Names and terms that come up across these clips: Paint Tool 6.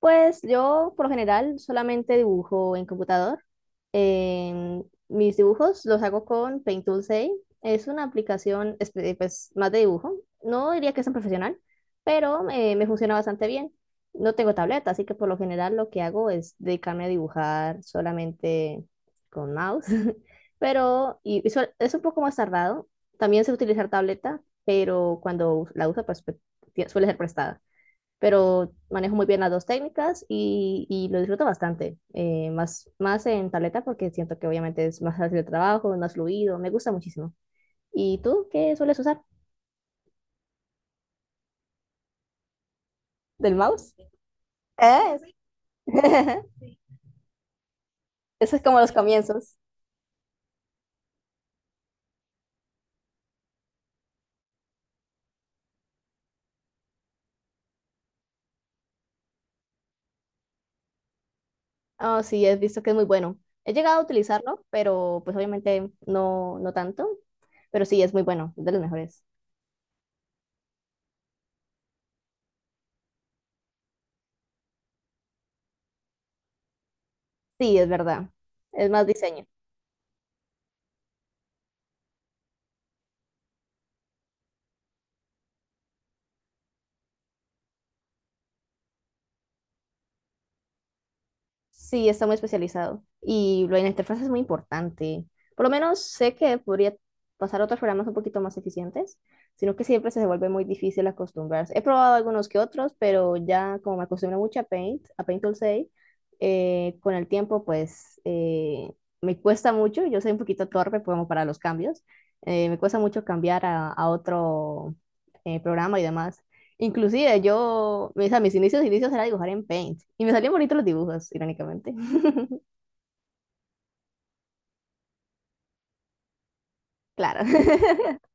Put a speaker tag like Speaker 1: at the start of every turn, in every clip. Speaker 1: Pues yo por lo general solamente dibujo en computador. Mis dibujos los hago con Paint Tool 6. Es una aplicación pues, más de dibujo. No diría que es tan profesional, pero me funciona bastante bien. No tengo tableta, así que por lo general lo que hago es dedicarme a dibujar solamente con mouse. Pero es un poco más tardado. También sé utilizar tableta, pero cuando la uso pues, suele ser prestada, pero manejo muy bien las dos técnicas y lo disfruto bastante, más en tableta porque siento que obviamente es más fácil el trabajo, es más fluido, me gusta muchísimo. ¿Y tú qué sueles usar? ¿Del mouse? ¿Eh? Eso es como los comienzos. Oh, sí, he visto que es muy bueno. He llegado a utilizarlo, pero pues obviamente no tanto, pero sí, es muy bueno, es de los mejores. Sí, es verdad, es más diseño. Sí, está muy especializado. Y lo de la interfaz es muy importante. Por lo menos sé que podría pasar a otros programas un poquito más eficientes, sino que siempre se vuelve muy difícil acostumbrarse. He probado algunos que otros, pero ya como me acostumbro mucho a Paint Tool 6, con el tiempo pues me cuesta mucho. Yo soy un poquito torpe como para los cambios. Me cuesta mucho cambiar a otro programa y demás. Inclusive yo, o sea, mis inicios, inicios era dibujar en Paint y me salían bonitos los dibujos, irónicamente. Claro.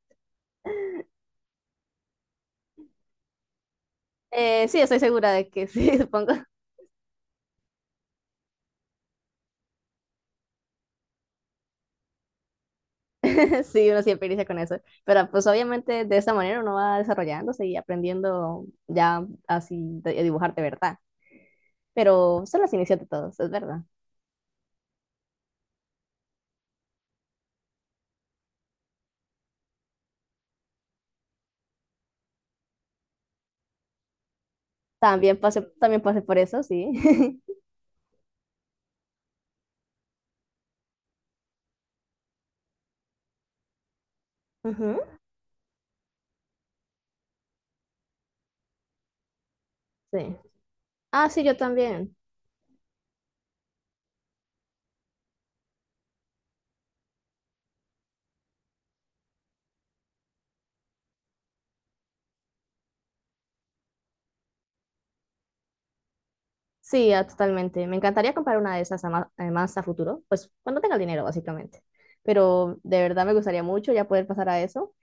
Speaker 1: Sí, estoy segura de que sí, supongo. Sí, uno siempre inicia con eso. Pero pues obviamente de esta manera uno va desarrollándose y aprendiendo ya así a dibujar de verdad. Pero son los inicios de todos, es verdad. También pasé por eso, sí. Ujú. Sí. Ah, sí, yo también. Sí, ah, totalmente. Me encantaría comprar una de esas a además a futuro, pues cuando tenga el dinero, básicamente. Pero de verdad me gustaría mucho ya poder pasar a eso.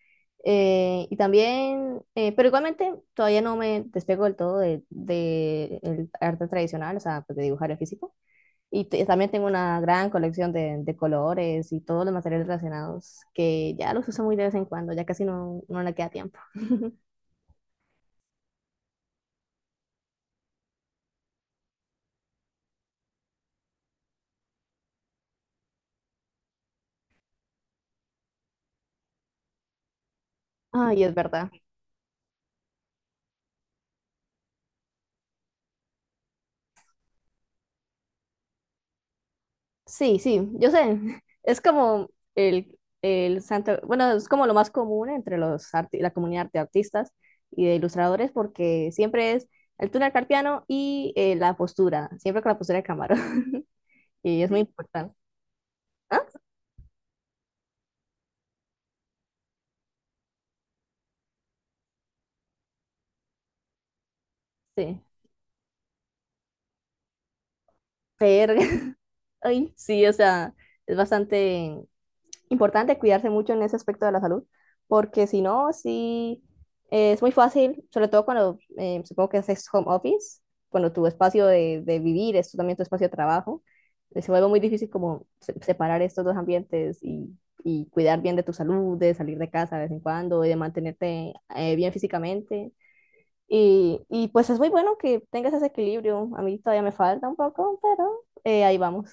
Speaker 1: Pero igualmente todavía no me despego del todo de el arte tradicional, o sea, pues, de dibujar en físico. Y también tengo una gran colección de colores y todos los materiales relacionados que ya los uso muy de vez en cuando, ya casi no, no le queda tiempo. Ay, es verdad. Sí, sí, yo sé. Es como el santo, bueno, es como lo más común entre los la comunidad de artistas y de ilustradores porque siempre es el túnel carpiano y la postura, siempre con la postura de camarón. Y es muy importante. Ah, sí. Verga. Ay, sí, o sea, es bastante importante cuidarse mucho en ese aspecto de la salud, porque si no, sí, es muy fácil, sobre todo cuando supongo que haces home office, cuando tu espacio de vivir es también tu espacio de trabajo, se vuelve muy difícil como separar estos dos ambientes y cuidar bien de tu salud, de salir de casa de vez en cuando y de mantenerte bien físicamente. Y pues es muy bueno que tengas ese equilibrio. A mí todavía me falta un poco, pero ahí vamos.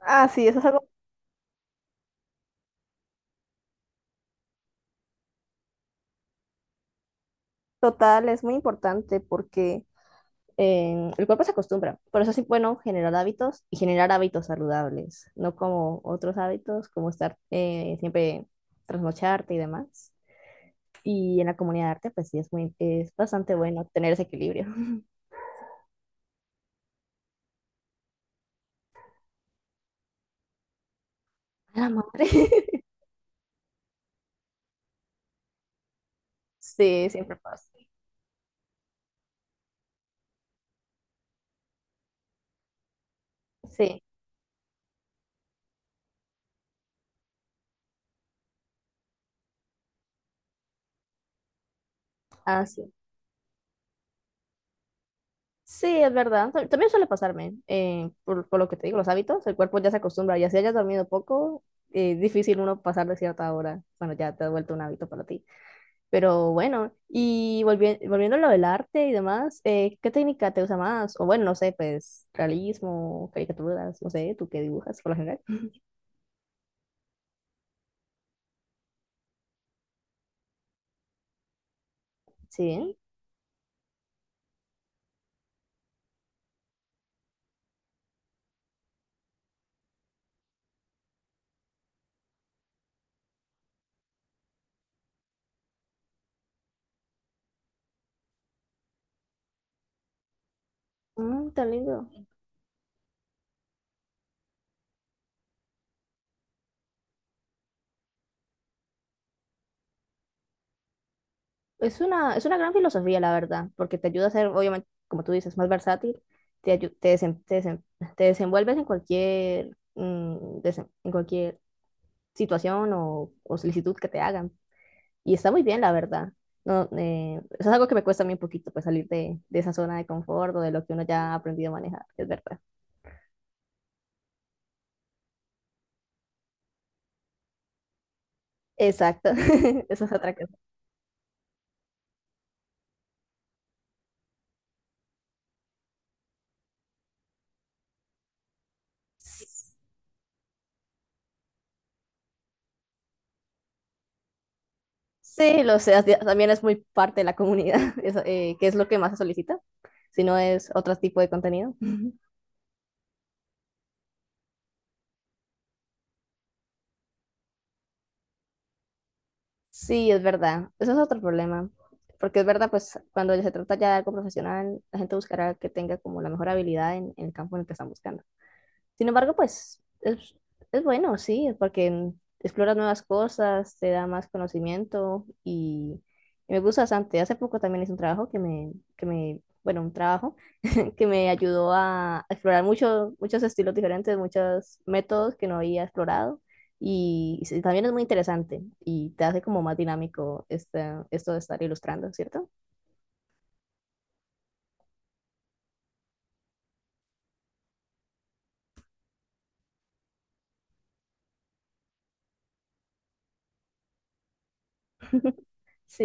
Speaker 1: Ah, sí, eso es algo total, es muy importante porque el cuerpo se acostumbra. Por eso es bueno generar hábitos y generar hábitos saludables, no como otros hábitos, como estar siempre trasnocharte y demás. Y en la comunidad de arte, pues sí, es, muy, es bastante bueno tener ese equilibrio. A la madre. Sí, siempre pasa. Sí, así. Sí, es verdad. También suele pasarme, por lo que te digo, los hábitos, el cuerpo ya se acostumbra y así hayas dormido poco, es difícil uno pasar de cierta hora bueno ya te ha vuelto un hábito para ti. Pero bueno, y volviendo a lo del arte y demás, ¿qué técnica te gusta más? O bueno, no sé, pues realismo, caricaturas, no sé, tú qué dibujas por lo general. Sí, mm, tan lindo. Es una gran filosofía, la verdad, porque te ayuda a ser, obviamente, como tú dices, más versátil, te, ayu- te, desem- te, desem- te desenvuelves en cualquier, mm, en cualquier situación o solicitud que te hagan. Y está muy bien, la verdad. No, eso es algo que me cuesta a mí un poquito, pues salir de esa zona de confort o de lo que uno ya ha aprendido a manejar, es verdad. Exacto, eso es otra cosa. Sí, lo sé, también es muy parte de la comunidad, eso, que es lo que más se solicita, si no es otro tipo de contenido. Sí, es verdad, eso es otro problema, porque es verdad, pues cuando se trata ya de algo profesional, la gente buscará que tenga como la mejor habilidad en el campo en el que están buscando. Sin embargo, pues es bueno, sí, porque exploras nuevas cosas, te da más conocimiento y me gusta bastante. Hace poco también hice un trabajo bueno, un trabajo que me ayudó a explorar muchos estilos diferentes, muchos métodos que no había explorado. Y, sí, también es muy interesante y te hace como más dinámico este, esto de estar ilustrando, ¿cierto? Sí,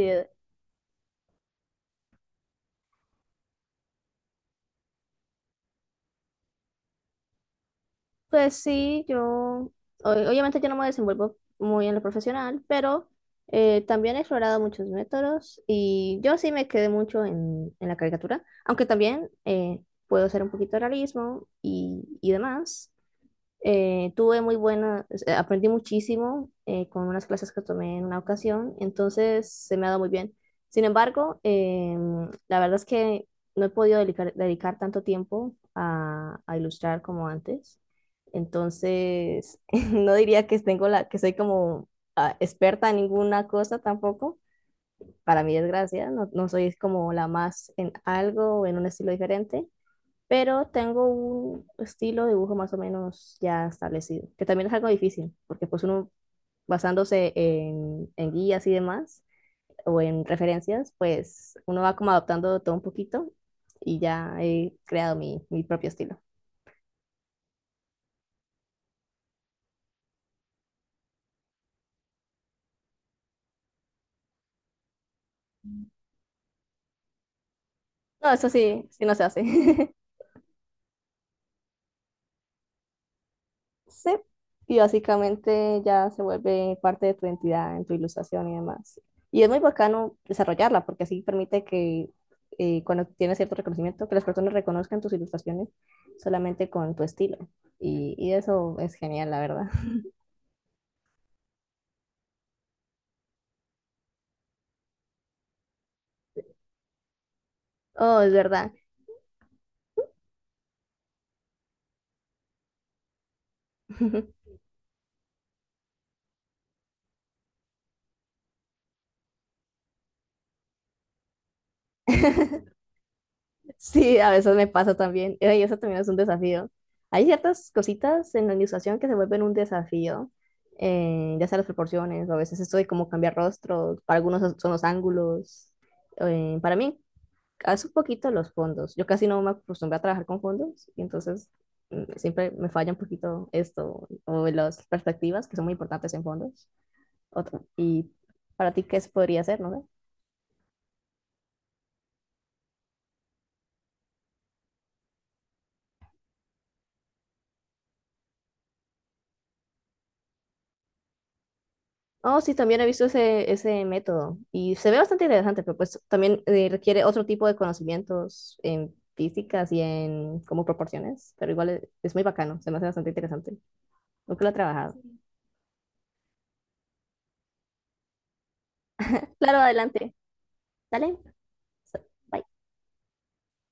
Speaker 1: pues sí, obviamente yo no me desenvuelvo muy en lo profesional, pero también he explorado muchos métodos y yo sí me quedé mucho en la caricatura, aunque también puedo hacer un poquito de realismo y demás. Tuve muy buena, aprendí muchísimo con unas clases que tomé en una ocasión, entonces se me ha dado muy bien. Sin embargo, la verdad es que no he podido dedicar tanto tiempo a ilustrar como antes, entonces no diría que tengo la, que soy como ah, experta en ninguna cosa tampoco. Para mi desgracia, no soy como la más en algo o en un estilo diferente, pero tengo un estilo de dibujo más o menos ya establecido, que también es algo difícil, porque pues uno basándose en guías y demás, o en referencias, pues uno va como adoptando todo un poquito y ya he creado mi propio estilo. No, eso sí, sí no se hace. Sí, y básicamente ya se vuelve parte de tu identidad, en tu ilustración y demás. Y es muy bacano desarrollarla porque así permite que cuando tienes cierto reconocimiento, que las personas reconozcan tus ilustraciones solamente con tu estilo. Y eso es genial, la verdad. Oh, es verdad. Sí, a veces me pasa también. Y eso también es un desafío. Hay ciertas cositas en la ilustración que se vuelven un desafío, ya sea las proporciones, o a veces esto de cómo cambiar rostros, para algunos son los ángulos. Para mí, hace un poquito los fondos. Yo casi no me acostumbré a trabajar con fondos, y entonces mm, siempre me falla un poquito esto, o las perspectivas, que son muy importantes en fondos. Y para ti, ¿qué se podría hacer, no sé? Oh, sí, también he visto ese, ese método y se ve bastante interesante, pero pues también requiere otro tipo de conocimientos en físicas y en como proporciones, pero igual es muy bacano, se me hace bastante interesante. Nunca lo he trabajado. Claro, adelante. Dale. Bye.